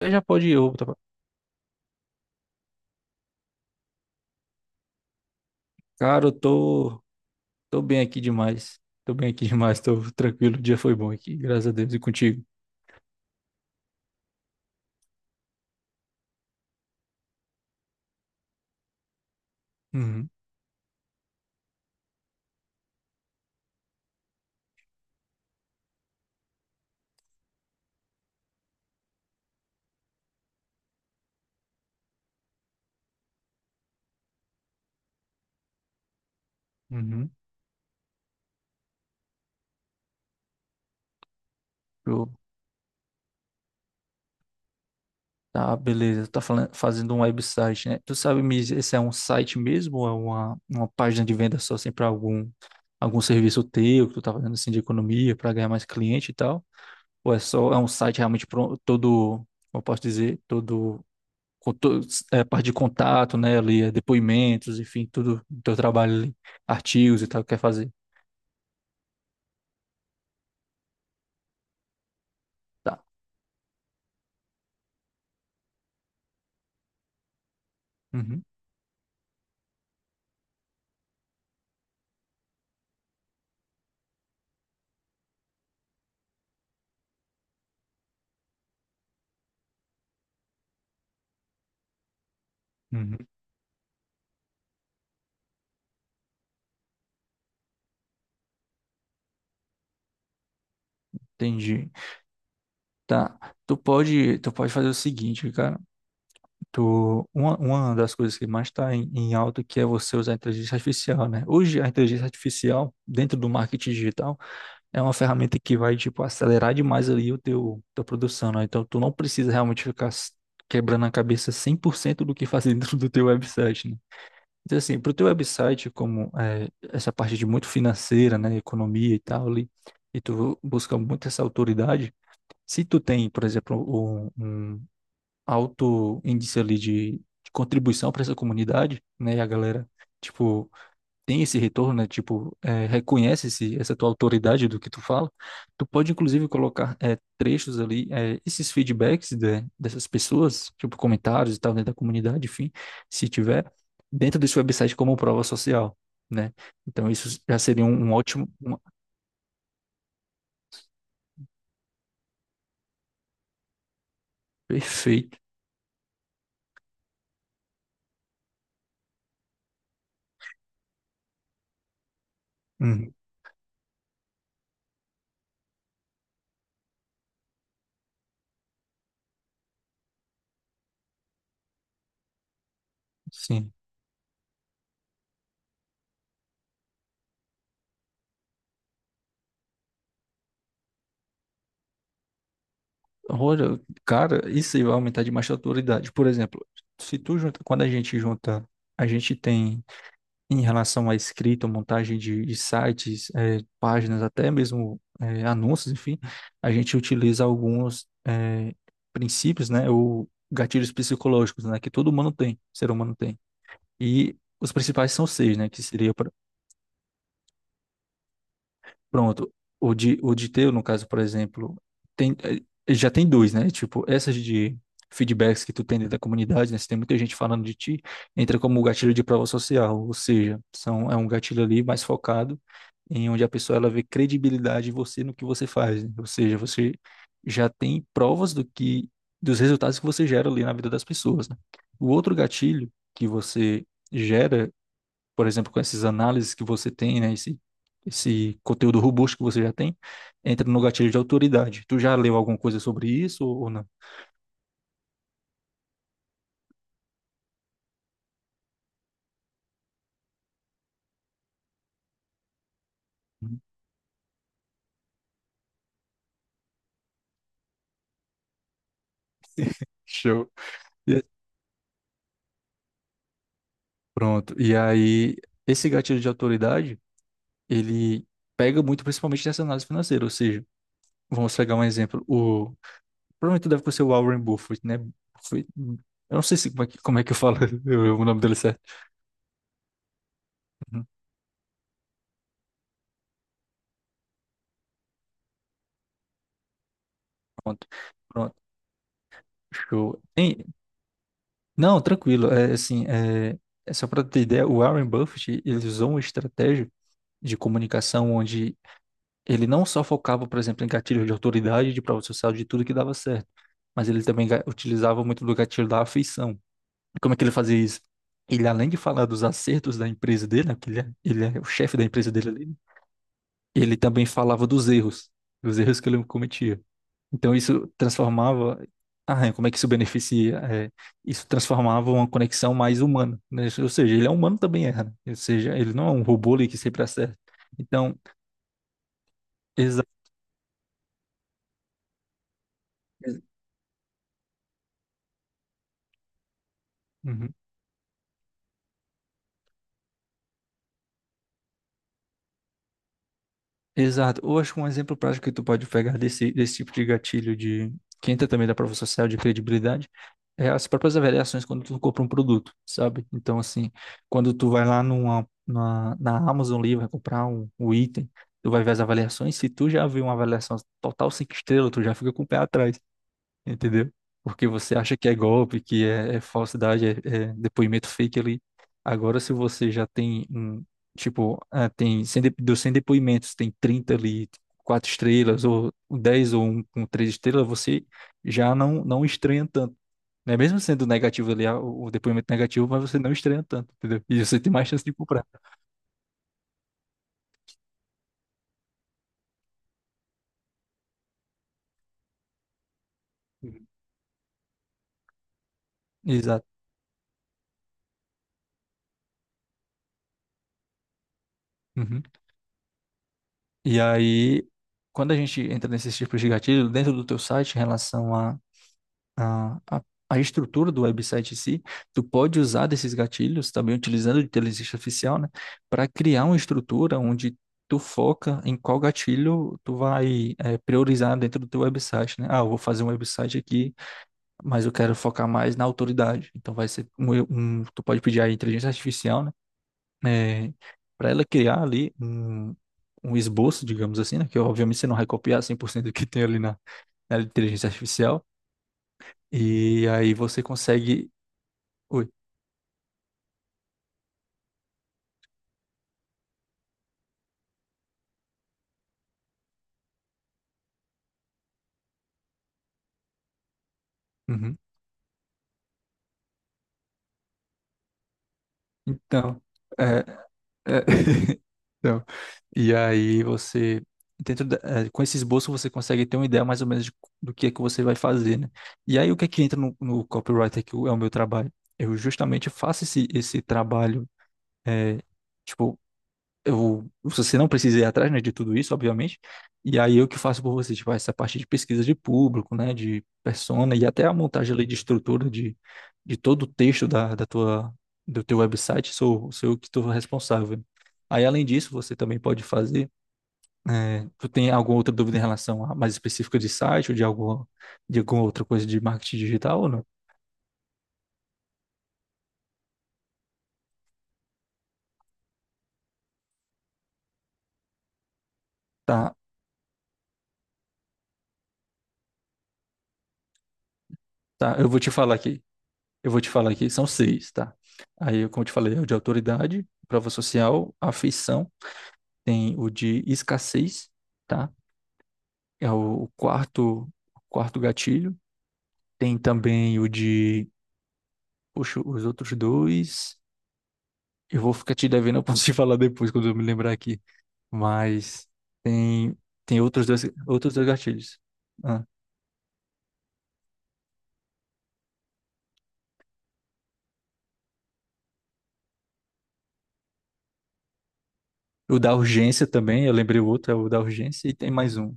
Você já pode ir, eu, tá? Cara, eu tô, tô bem aqui demais. Tô bem aqui demais, tô tranquilo. O dia foi bom aqui, graças a Deus, e contigo. Uhum, uhum. Show. Tá, beleza. Tu tá falando, fazendo um website, né? Tu sabe me dizer se é um site mesmo ou é uma página de venda só, assim, pra algum, algum serviço teu que tu tá fazendo, assim, de economia, pra ganhar mais cliente e tal? Ou é só, é um site realmente todo, como eu posso dizer, todo conto- é, parte de contato, né, ali, é, depoimentos, enfim, tudo do teu trabalho ali, artigos e tal, que quer fazer. Tá. Uhum, uhum, entendi. Tá. Tu pode fazer o seguinte, cara. Uma das coisas que mais está em alta que é você usar a inteligência artificial, né? Hoje a inteligência artificial dentro do marketing digital é uma ferramenta que vai tipo acelerar demais ali o teu tua produção, né? Então tu não precisa realmente ficar quebrando a cabeça 100% do que fazer dentro do teu website, né? Então, assim, para o teu website, como essa parte de muito financeira, né, economia e tal, ali, e tu busca muito essa autoridade, se tu tem, por exemplo, um alto índice ali de contribuição para essa comunidade, né, e a galera, tipo, tem esse retorno, né? Tipo, é, reconhece essa tua autoridade do que tu fala, tu pode inclusive colocar é, trechos ali, é, esses feedbacks dessas pessoas, tipo comentários e tal, dentro da comunidade, enfim, se tiver, dentro desse website como prova social, né? Então isso já seria um, um ótimo, perfeito. Uhum. Sim. Olha, cara, isso aí vai aumentar demais a autoridade. Por exemplo, se tu junta, quando a gente junta, a gente tem em relação à escrita, montagem de sites, páginas, até mesmo anúncios, enfim, a gente utiliza alguns princípios, né, ou gatilhos psicológicos, né, que todo humano tem, ser humano tem. E os principais são seis, né, que seria, pronto, o de, teu, no caso, por exemplo, tem, já tem dois, né, tipo, essas de feedbacks que tu tem dentro da comunidade, né, se tem muita gente falando de ti, entra como gatilho de prova social, ou seja, são, é um gatilho ali mais focado em onde a pessoa ela vê credibilidade em você no que você faz, né? Ou seja, você já tem provas do que dos resultados que você gera ali na vida das pessoas, né? O outro gatilho que você gera, por exemplo, com essas análises que você tem, né, esse conteúdo robusto que você já tem, entra no gatilho de autoridade. Tu já leu alguma coisa sobre isso ou não? Show. E- Pronto. E aí, esse gatilho de autoridade, ele pega muito principalmente nessa análise financeira, ou seja, vamos pegar um exemplo, o provavelmente deve ser o Warren Buffett, né? Buffett. Eu não sei se, como é que eu falo o nome dele certo. Uhum. Pronto, pronto, show. Não, tranquilo. É, assim, é só para ter ideia, o Warren Buffett, ele usou uma estratégia de comunicação onde ele não só focava, por exemplo, em gatilhos de autoridade, de prova social, de tudo que dava certo, mas ele também utilizava muito do gatilho da afeição. Como é que ele fazia isso? Ele, além de falar dos acertos da empresa dele, né, porque ele é o chefe da empresa dele ali, ele também falava dos erros, que ele cometia. Então isso transformava, é, como é que isso beneficia? É, isso transformava uma conexão mais humana, né? Ou seja, ele é humano também erra, né? Ou seja, ele não é um robô ali que sempre acerta. Então, exato. Exato. Ou acho que um exemplo prático que tu pode pegar desse tipo de gatilho de que entra também da prova social de credibilidade é as próprias avaliações quando tu compra um produto, sabe? Então, assim, quando tu vai lá na Amazon ali, vai comprar um, um item, tu vai ver as avaliações. Se tu já viu uma avaliação total cinco estrelas, tu já fica com o pé atrás entendeu? Porque você acha que é golpe, é falsidade, é depoimento fake ali. Agora, se você já tem, um, tipo, ah, tem 100 dos 100 depoimentos, tem 30 ali, quatro estrelas, ou 10 ou um com três estrelas, você já não estranha tanto. Né? Mesmo sendo negativo ali, o depoimento negativo, mas você não estranha tanto, entendeu? E você tem mais chance de comprar. Uhum. Exato. Uhum. E aí, quando a gente entra nesses tipos de gatilho, dentro do teu site, em relação a, a, a estrutura do website em si, tu pode usar desses gatilhos, também utilizando a inteligência artificial, né, para criar uma estrutura onde tu foca em qual gatilho tu vai priorizar dentro do teu website, né? Ah, eu vou fazer um website aqui, mas eu quero focar mais na autoridade. Então vai ser um, tu pode pedir a inteligência artificial, né, para ela criar ali um esboço, digamos assim, né? Que obviamente você não vai copiar 100% do que tem ali na inteligência artificial, e aí você consegue Oi. Uhum. Então, é, é, então, e aí você, dentro é, com esse esboço você consegue ter uma ideia mais ou menos de do que é que você vai fazer, né? E aí o que é que entra no copywriter que é o meu trabalho? Eu justamente faço esse trabalho, é, tipo, você não precisa ir atrás, né, de tudo isso, obviamente. E aí eu que faço por você, tipo, essa parte de pesquisa de público, né, de persona e até a montagem ali de estrutura de todo o texto da tua, do teu website, sou eu que estou responsável. Aí, além disso, você também pode fazer. Eh, tu tem alguma outra dúvida em relação a mais específica de site ou de alguma, outra coisa de marketing digital ou não? Tá, tá, eu vou te falar aqui. Eu vou te falar aqui, são seis, tá? Aí, como eu te falei, é o de autoridade, prova social, afeição, tem o de escassez, tá? É o quarto gatilho. Tem também o de, poxa, os outros dois. Eu vou ficar te devendo, eu posso te falar depois quando eu me lembrar aqui. Mas tem, tem outros dois, gatilhos. Ah, o da urgência também, eu lembrei o outro, é o da urgência, e tem mais um.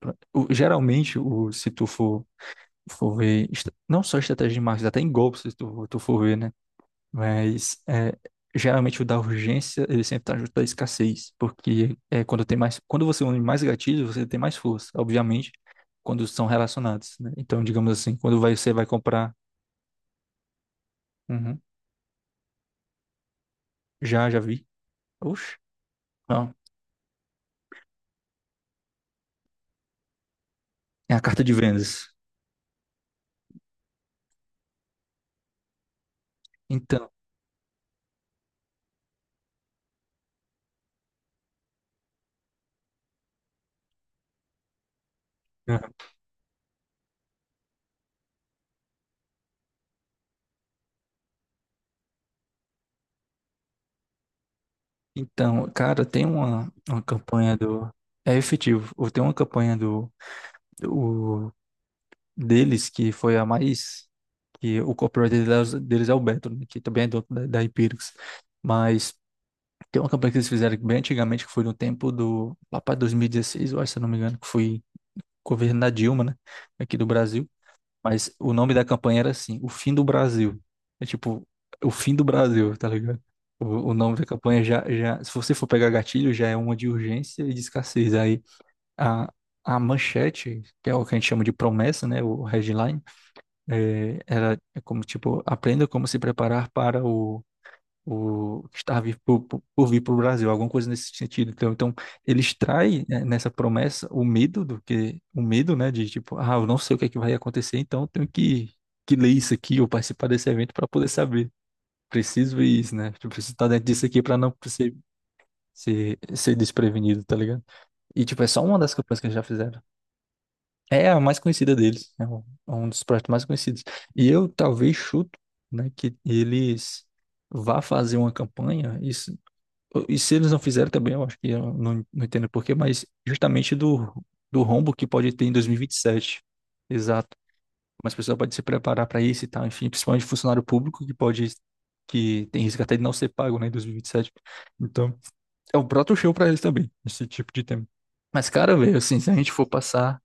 Geralmente, se tu for ver, não só estratégia de marketing, até em golpes, se tu for ver, né? Mas é, geralmente o da urgência, ele sempre tá junto da escassez, porque é quando tem mais, quando você une mais gatilhos, você tem mais força, obviamente, quando são relacionados, né? Então, digamos assim, quando você vai comprar, Uhum. Já vi, oxe, não, é a carta de vendas. Então, Uhum. então, cara, tem uma campanha do, é efetivo, ou tem uma campanha do, do deles que foi a mais que o copywriter deles é o Beto, né, que também é do, da Hypixx. Mas tem uma campanha que eles fizeram bem antigamente, que foi no tempo do, lá para 2016, eu acho, se eu não me engano, que foi governo da Dilma, né, aqui do Brasil. Mas o nome da campanha era assim, O Fim do Brasil. É tipo, o fim do Brasil, tá ligado? O nome da campanha já, se você for pegar gatilho, já é uma de urgência e de escassez. Aí a, a manchete, que é o que a gente chama de promessa, né, o headline, era é como, tipo, aprenda como se preparar para o que está vir por vir para o Brasil, alguma coisa nesse sentido. Então, ele extrai né, nessa promessa o medo do que, o medo, né, de tipo, ah, eu não sei o que é que vai acontecer, então eu tenho que ler isso aqui ou participar desse evento para poder saber. Preciso ver isso, né? Tipo, preciso estar dentro disso aqui para não ser desprevenido, tá ligado? E, tipo, é só uma das campanhas que eles já fizeram. É a mais conhecida deles, é um dos projetos mais conhecidos. E eu talvez chuto, né, que eles vá fazer uma campanha, e se eles não fizeram também, eu acho que eu não entendo porquê, mas justamente do, rombo que pode ter em 2027. Exato. Mas a pessoa pode se preparar para isso e tal, enfim, principalmente funcionário público que pode, que tem risco até de não ser pago, né, em 2027. Então, é o próprio show para eles também, esse tipo de tema. Mas, cara, velho, assim, se a gente for passar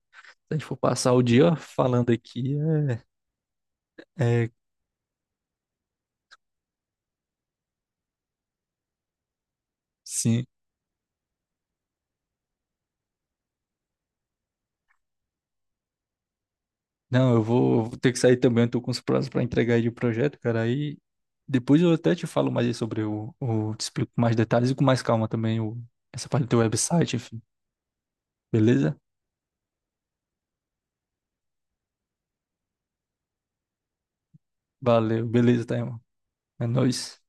se a gente for passar o dia falando aqui, é, é, sim. Não, eu vou ter que sair também, eu tô com os prazos para entregar aí de projeto, cara. Aí depois eu até te falo mais aí sobre te explico com mais detalhes e com mais calma também o, essa parte do teu website, enfim. Beleza? Valeu, beleza, tá, irmão? É nóis.